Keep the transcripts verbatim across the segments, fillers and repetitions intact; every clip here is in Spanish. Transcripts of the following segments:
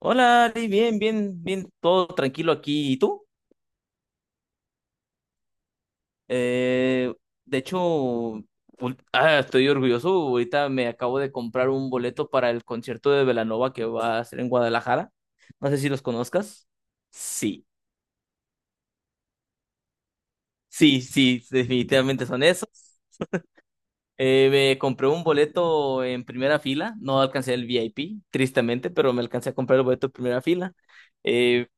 Hola, Ari, bien, bien, bien, todo tranquilo aquí. ¿Y tú? Eh, de hecho, ul- ah, estoy orgulloso. Ahorita me acabo de comprar un boleto para el concierto de Belanova que va a ser en Guadalajara. No sé si los conozcas. Sí, sí, sí, definitivamente son esos. Eh, me compré un boleto en primera fila. No alcancé el VIP, tristemente, pero me alcancé a comprar el boleto en primera fila. Eh,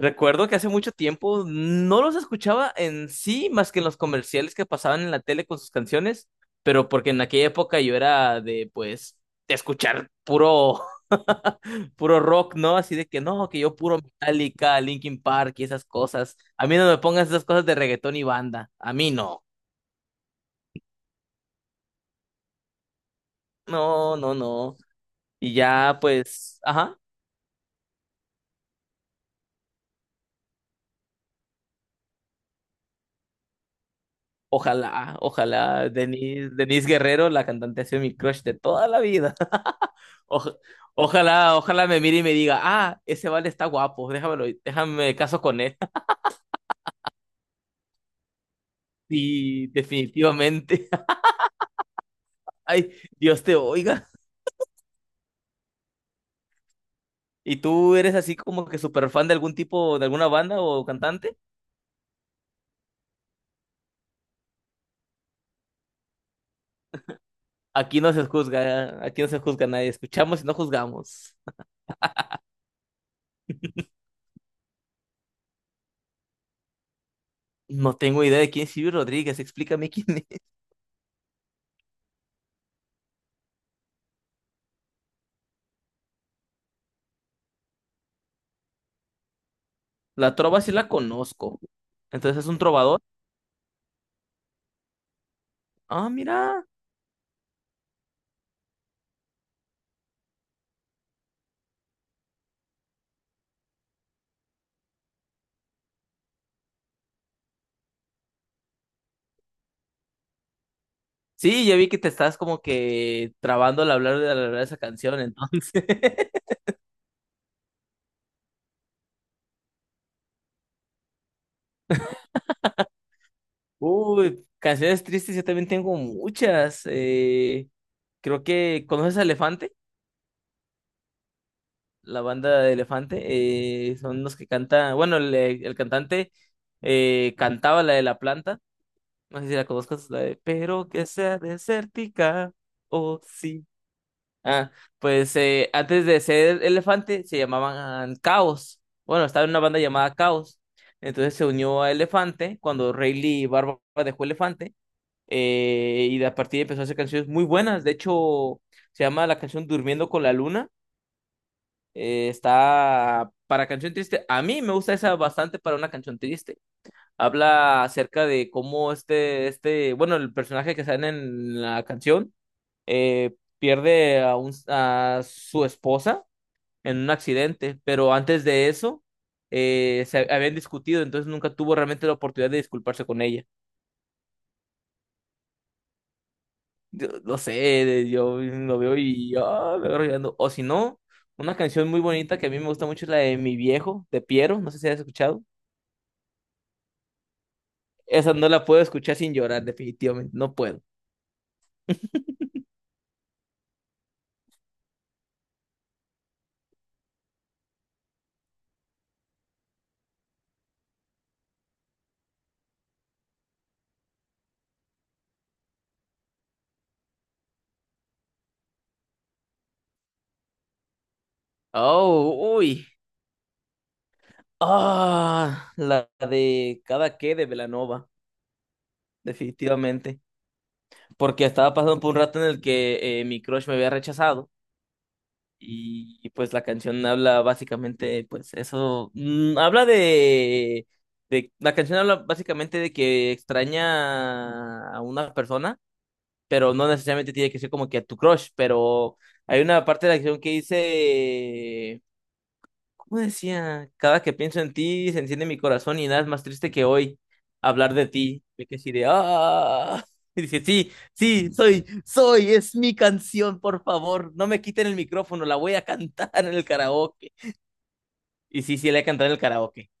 Recuerdo que hace mucho tiempo no los escuchaba en sí más que en los comerciales que pasaban en la tele con sus canciones, pero porque en aquella época yo era de pues escuchar puro puro rock, ¿no? Así de que no, que yo puro Metallica, Linkin Park y esas cosas. A mí no me pongas esas cosas de reggaetón y banda. A mí no. No, no, no. Y ya pues, ajá. Ojalá, ojalá Denise, Denise Guerrero, la cantante ha sido mi crush de toda la vida. Oja- Ojalá, ojalá me mire y me diga, ah, ese vale está guapo, déjamelo, déjame caso con él. Y definitivamente. Ay, Dios te oiga. ¿Y tú eres así como que súper fan de algún tipo, de alguna banda o cantante? Aquí no se juzga, aquí no se juzga a nadie, escuchamos y no juzgamos. No tengo idea de quién es Silvio Rodríguez, explícame quién es. La trova sí la conozco. Entonces es un trovador. Ah, mira. Sí, ya vi que te estás como que trabando al hablar de, al hablar de esa canción, entonces. Uy, canciones tristes, yo también tengo muchas. Eh, creo que conoces a Elefante, la banda de Elefante. Eh, son los que cantan, bueno, el, el cantante eh, cantaba la de La Planta. No sé si la conozcas, la de Pero que sea desértica, oh sí. Ah, pues eh, antes de ser Elefante se llamaban Caos. Bueno, estaba en una banda llamada Caos. Entonces se unió a Elefante cuando Rayleigh Barba dejó Elefante. Eh, y de a partir de empezó a hacer canciones muy buenas. De hecho, se llama la canción Durmiendo con la Luna. Eh, está para canción triste. A mí me gusta esa bastante para una canción triste. Habla acerca de cómo este, este, bueno, el personaje que sale en la canción eh, pierde a, un- a su esposa en un accidente, pero antes de eso eh, se habían discutido, entonces nunca tuvo realmente la oportunidad de disculparse con ella. Yo, no sé, yo lo veo y yo ah, me agarro llorando. O si no, una canción muy bonita que a mí me gusta mucho es la de Mi Viejo, de Piero, no sé si has escuchado. Esa no la puedo escuchar sin llorar, definitivamente, no puedo. Oh, uy. Ah, la de Cada que de Belanova, definitivamente. Porque estaba pasando por un rato en el que eh, mi crush me había rechazado. Y, y, pues la canción habla básicamente, pues eso, mm, habla de, de, la canción habla básicamente de que extraña a una persona, pero no necesariamente tiene que ser como que a tu crush, pero hay una parte de la canción que dice, cómo decía, cada que pienso en ti se enciende mi corazón y nada es más triste que hoy hablar de ti. Me quedé así de ¡ah! Y dije, sí, sí, soy, soy, es mi canción, por favor, no me quiten el micrófono, la voy a cantar en el karaoke. Y sí, sí, la he cantado en el karaoke,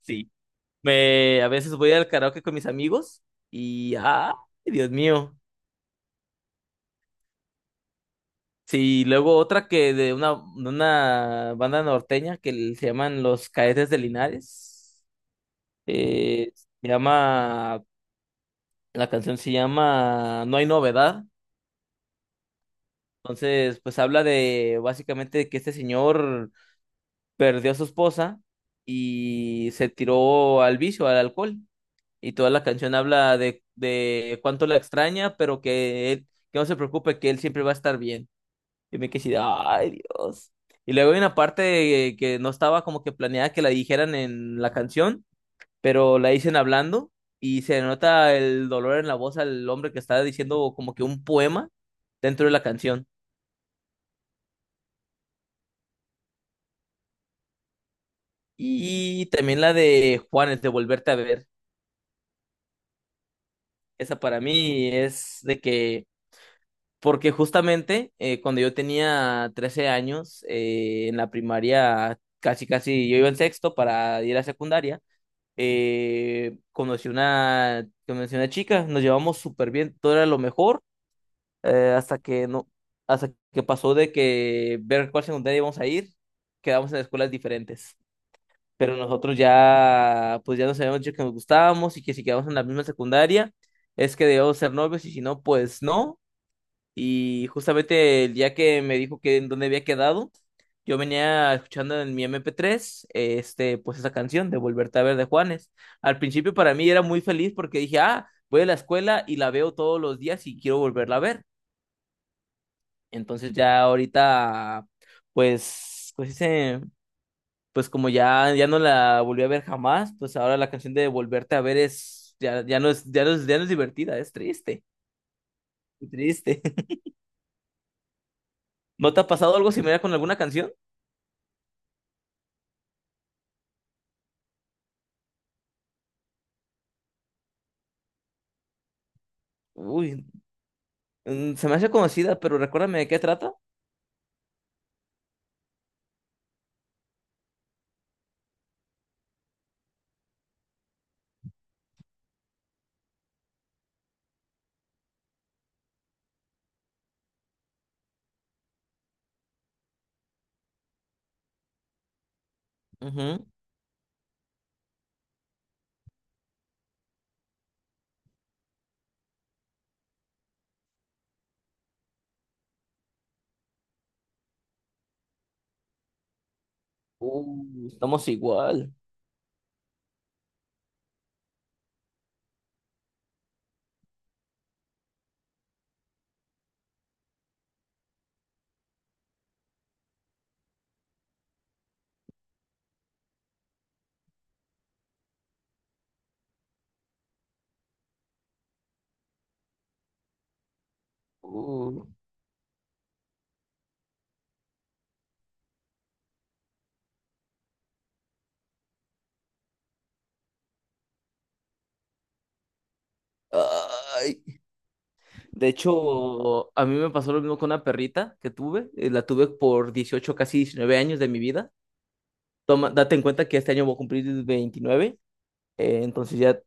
sí. Me, a veces voy al karaoke con mis amigos y ¡ah! Dios mío. Sí, luego otra que de una, de una banda norteña que se llaman Los Cadetes de Linares. Eh, Se llama, la canción se llama No hay novedad. Entonces, pues habla de básicamente que este señor perdió a su esposa y se tiró al vicio, al alcohol. Y toda la canción habla de, de cuánto la extraña, pero que él, que no se preocupe, que él siempre va a estar bien. Y me quedé así, de, ay, Dios. Y luego hay una parte que no estaba como que planeada que la dijeran en la canción, pero la dicen hablando y se nota el dolor en la voz al hombre que está diciendo como que un poema dentro de la canción. Y también la de Juanes, de Volverte a Ver. Esa para mí es de que, porque justamente eh, cuando yo tenía trece años, eh, en la primaria, casi casi yo iba en sexto para ir a secundaria, eh, conocí una, conocí una chica, nos llevamos súper bien, todo era lo mejor. Eh, hasta que no, hasta que Pasó de que ver cuál secundaria íbamos a ir, quedamos en escuelas diferentes. Pero nosotros ya, pues ya nos habíamos dicho que nos gustábamos y que si quedamos en la misma secundaria, es que debíamos ser novios y si no, pues no. Y justamente el día que me dijo que en dónde había quedado, yo venía escuchando en mi M P tres, eh, este, pues esa canción de Volverte a Ver de Juanes. Al principio para mí era muy feliz porque dije, ah, voy a la escuela y la veo todos los días y quiero volverla a ver. Entonces ya ahorita, pues, pues dice, pues como ya, ya no la volví a ver jamás, pues ahora la canción de Volverte a Ver es, ya, ya no es, ya no es, ya no es divertida, es triste, triste. ¿No te ha pasado algo similar con alguna canción? Uy, mm, se me hace conocida, pero recuérdame de qué trata. Ujú. Uh, estamos igual. Uh, Ay. De hecho, a mí me pasó lo mismo con una perrita que tuve. eh, La tuve por dieciocho casi diecinueve años de mi vida. Toma, date en cuenta que este año voy a cumplir veintinueve, eh, entonces ya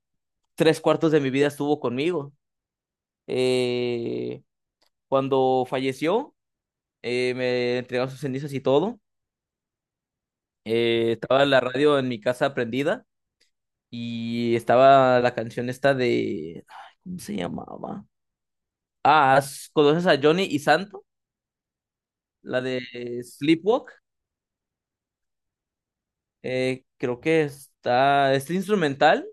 tres cuartos de mi vida estuvo conmigo. Eh, Cuando falleció, eh, me entregaron sus cenizas y todo. Eh, estaba la radio en mi casa prendida y estaba la canción esta de, ay, ¿cómo se llamaba? Ah, ¿has- ¿conoces a Johnny y Santo? La de Sleepwalk. Eh, creo que está. Este instrumental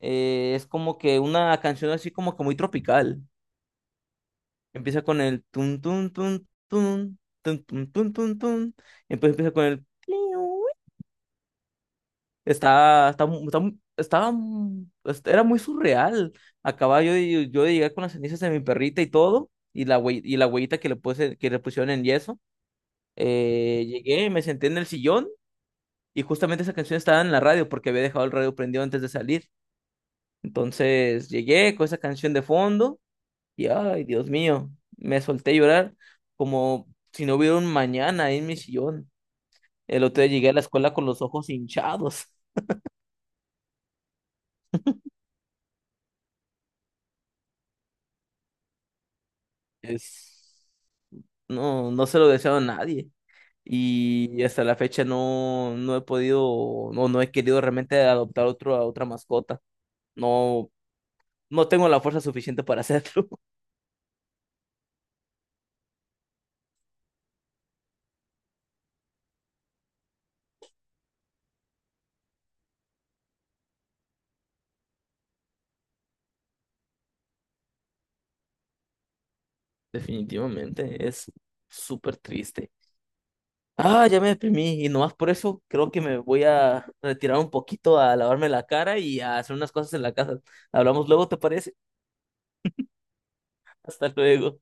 eh, es como que una canción así como que muy tropical. Empieza con el tun tun tun tun tun tun tun tun tun. Y después empieza con el pliu. Está, está, mu- está, mu- estaba mu- est- Era muy surreal. Acababa yo, de- yo, de llegar con las cenizas de mi perrita y todo, y la hue- y la huellita que le puse, que le pusieron en yeso. Eh, llegué, me senté en el sillón y justamente esa canción estaba en la radio porque había dejado el radio prendido antes de salir. Entonces llegué con esa canción de fondo y ay, Dios mío, me solté a llorar como si no hubiera un mañana ahí en mi sillón. El otro día llegué a la escuela con los ojos hinchados. Es... No, no se lo deseo a nadie. Y hasta la fecha no, no he podido, no, no he querido realmente adoptar otro, a otra mascota. No, no tengo la fuerza suficiente para hacerlo. Definitivamente, es súper triste. Ah, ya me deprimí y nomás por eso creo que me voy a retirar un poquito a lavarme la cara y a hacer unas cosas en la casa. Hablamos luego, ¿te parece? Hasta luego.